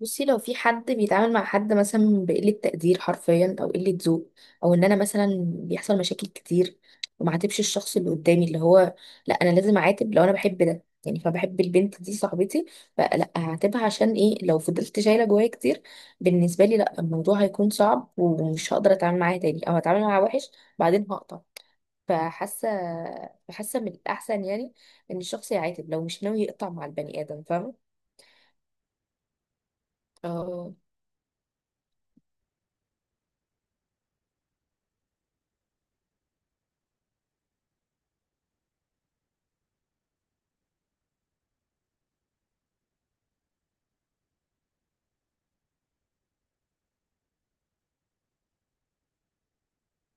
بصي، لو في حد بيتعامل مع حد مثلا بقلة تقدير حرفيا، او قلة ذوق، او ان انا مثلا بيحصل مشاكل كتير وما عاتبش الشخص اللي قدامي، اللي هو لا انا لازم اعاتب. لو انا بحب ده يعني، فبحب البنت دي صاحبتي، فلا هعاتبها عشان ايه؟ لو فضلت شايله جوايا كتير بالنسبه لي، لا الموضوع هيكون صعب ومش هقدر اتعامل معاها تاني، او هتعامل معاها وحش بعدين هقطع. فحاسه فحاسه من الاحسن يعني ان الشخص يعاتب لو مش ناوي يقطع مع البني ادم، فاهمه. اه،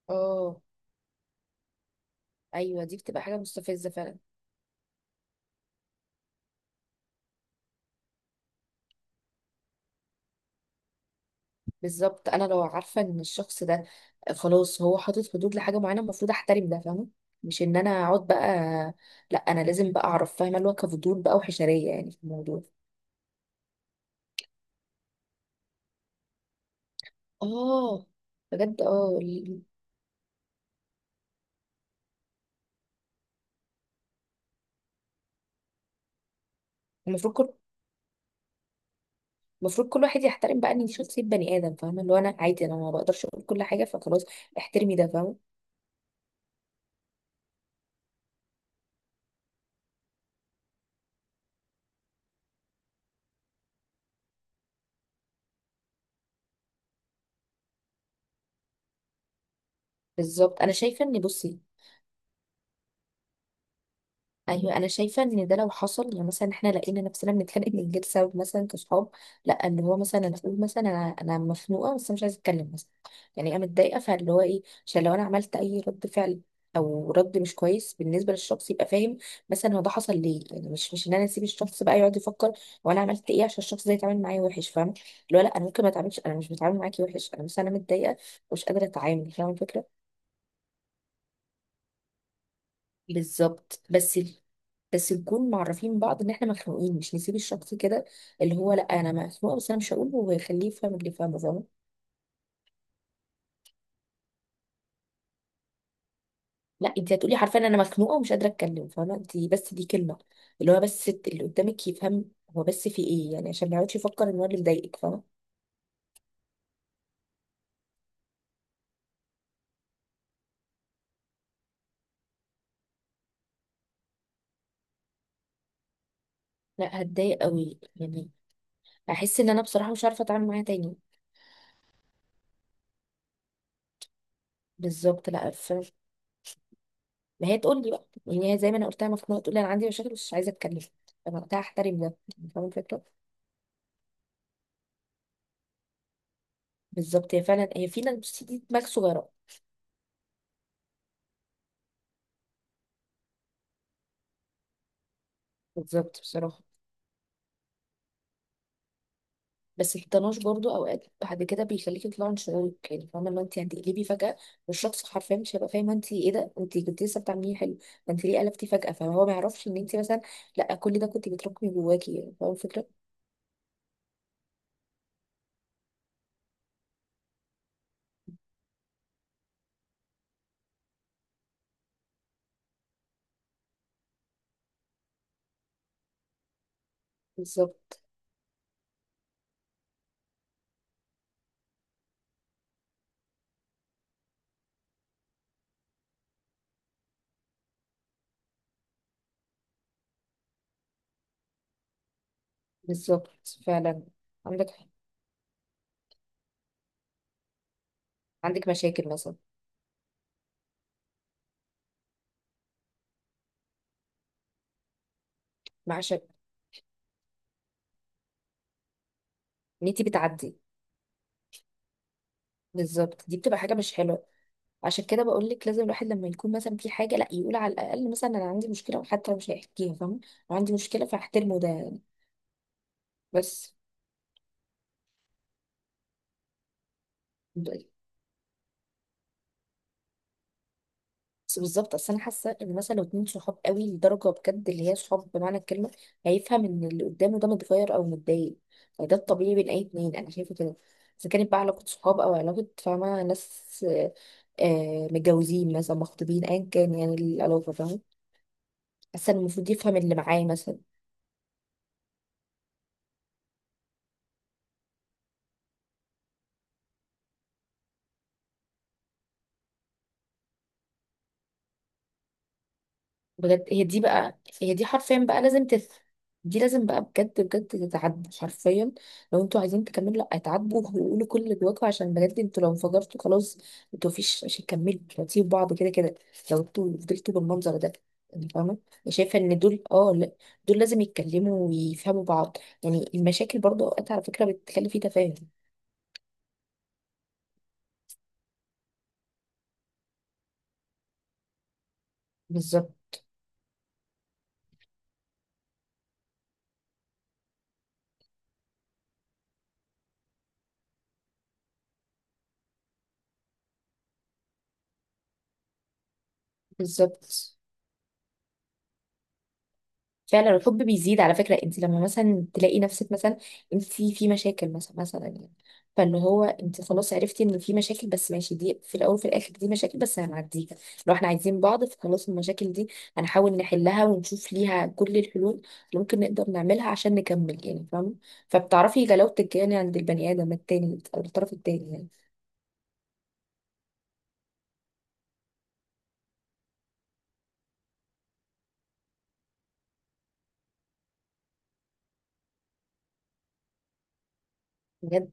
اه. ايوه، دي بتبقى حاجه مستفزه فعلا. بالظبط، انا لو عارفه ان الشخص ده خلاص هو حاطط حدود لحاجه معينه، المفروض احترم ده، فاهمه. مش ان انا اقعد بقى، لا انا لازم بقى اعرف، فاهمه اللي هو كفضول بقى وحشريه يعني في الموضوع. اه، بجد. المفروض كل المفروض كل واحد يحترم بقى ان شخصيه بني ادم، فاهمه، اللي هو انا عادي، انا ما بقدرش اقول كل حاجه فخلاص، احترمي ده، فاهمه. بالظبط، انا شايفه ان بصي، ايوه انا شايفه ان ده لو حصل يعني مثلا احنا لقينا نفسنا بنتخانق من غير سبب، مثلا كصحاب، لا اللي هو مثلا انا اقول مثلا انا مخنوقه بس مش عايزه اتكلم مثلا، يعني انا متضايقه، فاللي هو ايه؟ عشان لو انا عملت اي رد فعل او رد مش كويس بالنسبه للشخص يبقى فاهم مثلا هو ده حصل ليه، يعني مش ان انا اسيب الشخص بقى يقعد يفكر وانا عملت ايه عشان الشخص ده يتعامل معايا وحش، فاهم، اللي هو لا انا ممكن ما اتعاملش، انا مش بتعامل معاكي وحش، انا بس انا متضايقه ومش قادره اتعامل، فاهم الفكره. بالظبط. بس نكون معرفين بعض ان احنا مخنوقين، مش نسيب الشخص كده، اللي هو لا انا مخنوقه بس انا مش هقول ويخليه يفهم، اللي فاهمه فاهمه. لا، انت هتقولي حرفيا انا مخنوقه ومش قادره اتكلم، فاهمه انت، بس دي كلمه اللي هو بس اللي قدامك يفهم هو بس في ايه يعني، عشان ما يقعدش يفكر ان هو اللي مضايقك، فاهمه. لا، هتضايق قوي يعني، احس ان انا بصراحه مش عارفه اتعامل معاها تاني. بالظبط، لا ف... ما هي تقول لي بقى يعني، هي زي ما انا قلتها مخنوقه تقول لي انا عندي مشاكل بس مش عايزه اتكلم، فانا وقتها احترم ده، فاهمه الفكره. بالظبط، هي فعلا هي فينا، بصي دي دماغ صغيره. بالظبط بصراحة، بس الطناش برضو اوقات بعد كده بيخليكي تطلعي من شعورك، يعني فاهمة، اللي هو انت هتقلبي فجأة والشخص حرفيا مش هيبقى فاهم انت ايه، ده انت كنت لسه بتعمليه حلو، ده انت ليه قلبتي فجأة؟ فهو ما يعرفش ان انت مثلا، لا كل ده كنت بتراكمي جواكي، يعني فاهمة الفكرة. بالظبط. بالظبط فعلا. عندك حق. عندك مشاكل مثلا. مع شك ان انت بتعدي. بالظبط، دي بتبقى حاجة مش حلوة. عشان كده بقول لك لازم الواحد لما يكون مثلا في حاجة لا يقول على الأقل مثلا أنا عندي مشكلة، وحتى لو مش هيحكيها، فاهمة، أنا عندي مشكلة فاحترمه ده يعني. بس ب- بس بالظبط، اصل انا حاسه ان مثلا لو اتنين صحاب قوي لدرجه بجد اللي هي صحاب بمعنى الكلمه هيفهم ان اللي قدامه ده متغير او متضايق، يعني ده الطبيعي بين اي اتنين، انا شايفه كده. اذا كانت بقى علاقه صحاب او علاقه، فاهمه، ناس متجوزين مثلا مخطوبين ايا كان يعني، العلاقه فاهمه. حاسه إن المفروض يفهم اللي معاه مثلا. بجد هي دي حرفيا بقى لازم تف. دي لازم بقى بجد بجد تتعدى حرفيا. لو انتوا عايزين تكملوا لا اتعدوا وقولوا كل اللي جواكوا، عشان بجد انتوا لو انفجرتوا خلاص، انتوا مفيش مش هتكملوا، انتوا هتسيبوا بعض كده كده لو انتوا فضلتوا بالمنظر ده، يعني فاهمة. أنا شايفة ان دول اه لا، دول لازم يتكلموا ويفهموا بعض. يعني المشاكل برضه اوقات على فكرة بتخلي في تفاهم. بالظبط. بالظبط فعلا. الحب بيزيد على فكرة، انت لما مثلا تلاقي نفسك مثلا انت في مشاكل مثلا يعني، فاللي هو انت خلاص عرفتي ان في مشاكل، بس ماشي دي في الاول وفي الاخر دي مشاكل بس هنعديها. لو احنا عايزين بعض فخلاص المشاكل دي هنحاول نحلها ونشوف ليها كل الحلول اللي ممكن نقدر نعملها عشان نكمل، يعني فاهمة. فبتعرفي جلاوة الجاني عند البني ادم التاني او الطرف التاني يعني. بجد.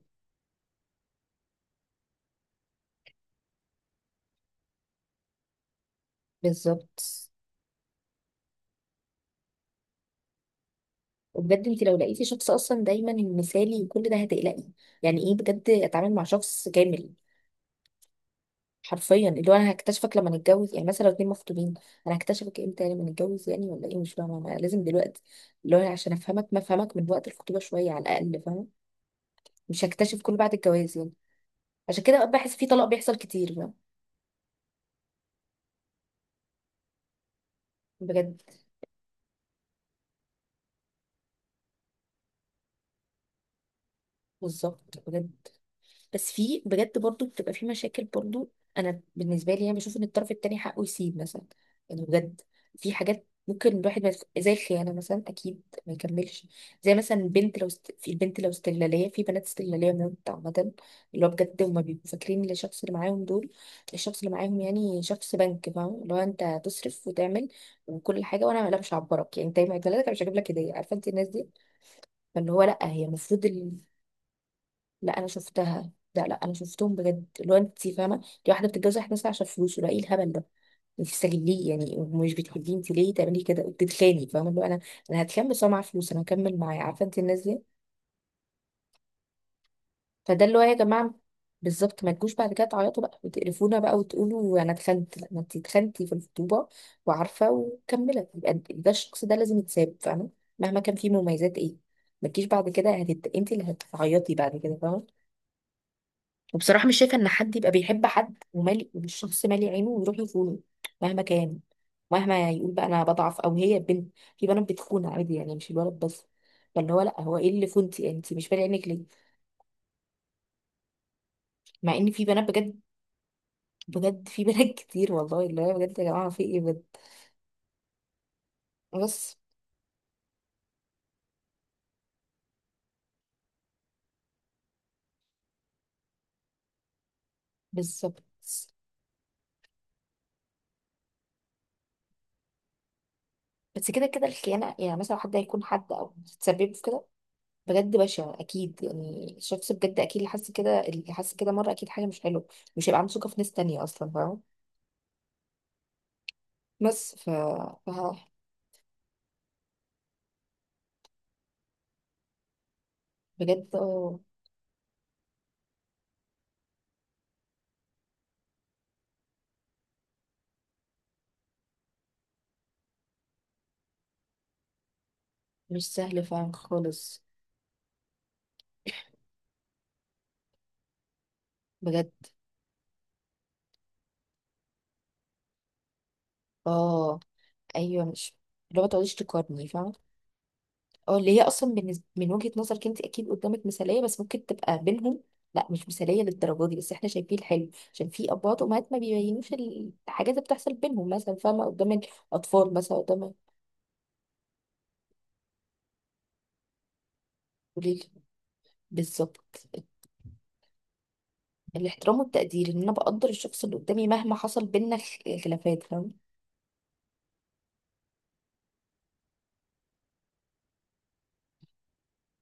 بالظبط، وبجد انت لو لقيتي شخص اصلا دايما مثالي وكل ده هتقلقي. يعني ايه بجد اتعامل مع شخص كامل؟ حرفيا اللي هو انا هكتشفك لما نتجوز، يعني مثلا لو اتنين مخطوبين، انا هكتشفك امتى؟ يعني لما نتجوز يعني؟ ولا ايه؟ مش فاهمه انا لازم دلوقتي اللي هو أنا عشان افهمك ما افهمك من وقت الخطوبه شويه على الاقل، فاهم. مش هكتشف كل بعد الجواز يعني. عشان كده بحس في طلاق بيحصل كتير بقى. بجد. بالظبط بجد، بس في بجد برضو بتبقى في مشاكل برضو. انا بالنسبه لي انا بشوف ان الطرف التاني حقه يسيب مثلا، يعني بجد في حاجات ممكن الواحد ما يف- زي الخيانه مثلا اكيد ما يكملش. زي مثلا البنت لو في البنت لو استغلاليه، في بنات استغلاليه موت عامه. اللي هو بجد هما بيبقوا فاكرين إن الشخص اللي معاهم دول، الشخص اللي معاهم يعني شخص بنك، فاهم، اللي هو انت هتصرف وتعمل وكل حاجه وانا لا مش هعبرك، يعني انت يوم عيد ميلادك أنا مش هجيب لك هديه، عارفه انت الناس دي. فاللي هو لا هي المفروض، لا انا شفتها، لا لا انا شفتهم بجد اللي هو انت فاهمه. دي واحده بتتجوز واحد مثلا عشان فلوسه، لا ايه الهبل ده، انت بتستغليه ليه؟ يعني مش بتحبيه انت، ليه تعملي كده؟ بتتخاني، فاهمه، اللي هو انا هتخان بس هو معاه فلوس انا هكمل معاه، عارفه انت الناس دي. فده اللي هو يا جماعه بالظبط، ما تجوش بعد كده تعيطوا بقى وتقرفونا بقى وتقولوا انا اتخنت، لا ما انت اتخنتي في الخطوبه وعارفه وكملت، يبقى ده الشخص ده لازم يتساب، فاهمه. مهما كان فيه مميزات ايه، ما تجيش بعد كده انت اللي هتعيطي بعد كده، فاهمه. وبصراحة مش شايفة إن حد يبقى بيحب حد ومالي والشخص مالي عينه ويروح يخونه مهما كان. مهما يقول بقى أنا بضعف، أو هي البنت، في بنات بتخون عادي، يعني مش الولد بس. فاللي هو لأ، هو إيه اللي خنتي يعني؟ أنت مش فارق عينك ليه؟ مع إن في بنات بجد، بجد في بنات كتير والله، اللي هو بجد يا جماعة في إيه بجد. بس، بالظبط. بس كده كده الخيانة، يعني مثلا حد هيكون حد أو تسبب في كده بجد بشع أكيد، يعني الشخص بجد أكيد اللي حس كده، اللي حس كده مرة أكيد حاجة مش حلوة، مش هيبقى عنده ثقة في ناس تانية أصلا، فاهمة. بس ف- بجد، اه، مش سهل فعلا خالص. بجد اه، ايوه، مش اللي هو تقعديش تقارني، فاهمة. اه اللي هي اصلا بالنسبة من وجهة نظرك انت اكيد قدامك مثالية، بس ممكن تبقى بينهم لا مش مثالية للدرجة دي، بس احنا شايفين الحلو عشان في ابوات وامهات ما بيبينوش الحاجات اللي بتحصل بينهم، مثلا فاهمة قدام الاطفال مثلا قدام. قولي لي. بالظبط، الاحترام والتقدير ان انا بقدر الشخص اللي قدامي مهما حصل بينا خلافات، فاهمة.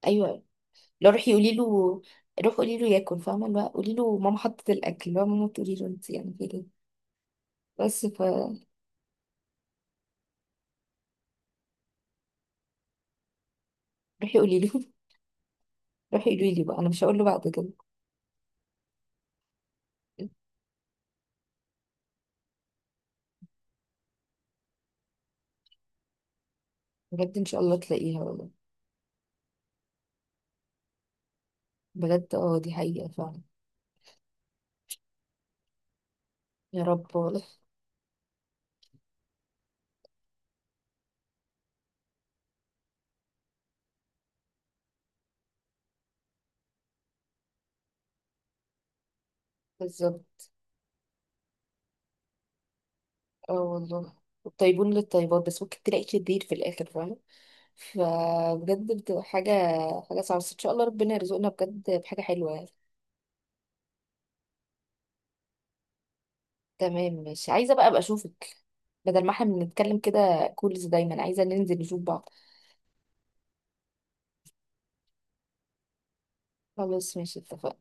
ايوه، لو روحي قولي له روح قولي له ياكل، فاهمه، اللي هو قولي له ماما حطت الاكل، اللي هو ماما تقولي له انت يعني في ايه. بس روحي قولي له روحي قولي لي بقى، انا مش هقول له بعد كده. بجد ان شاء الله تلاقيها والله. بجد اه، دي حقيقه فعلا. يا رب والله. بالظبط. اه والله، الطيبون للطيبات بس ممكن تلاقي شرير في الاخر، فاهمه. فبجد بتبقى حاجه، حاجه صعبه، بس ان شاء الله ربنا يرزقنا بجد بحاجه حلوه يعني. تمام، مش عايزه بقى ابقى اشوفك، بدل ما احنا بنتكلم كده كولز، دايما عايزه ننزل نشوف بعض. خلاص ماشي، اتفقنا.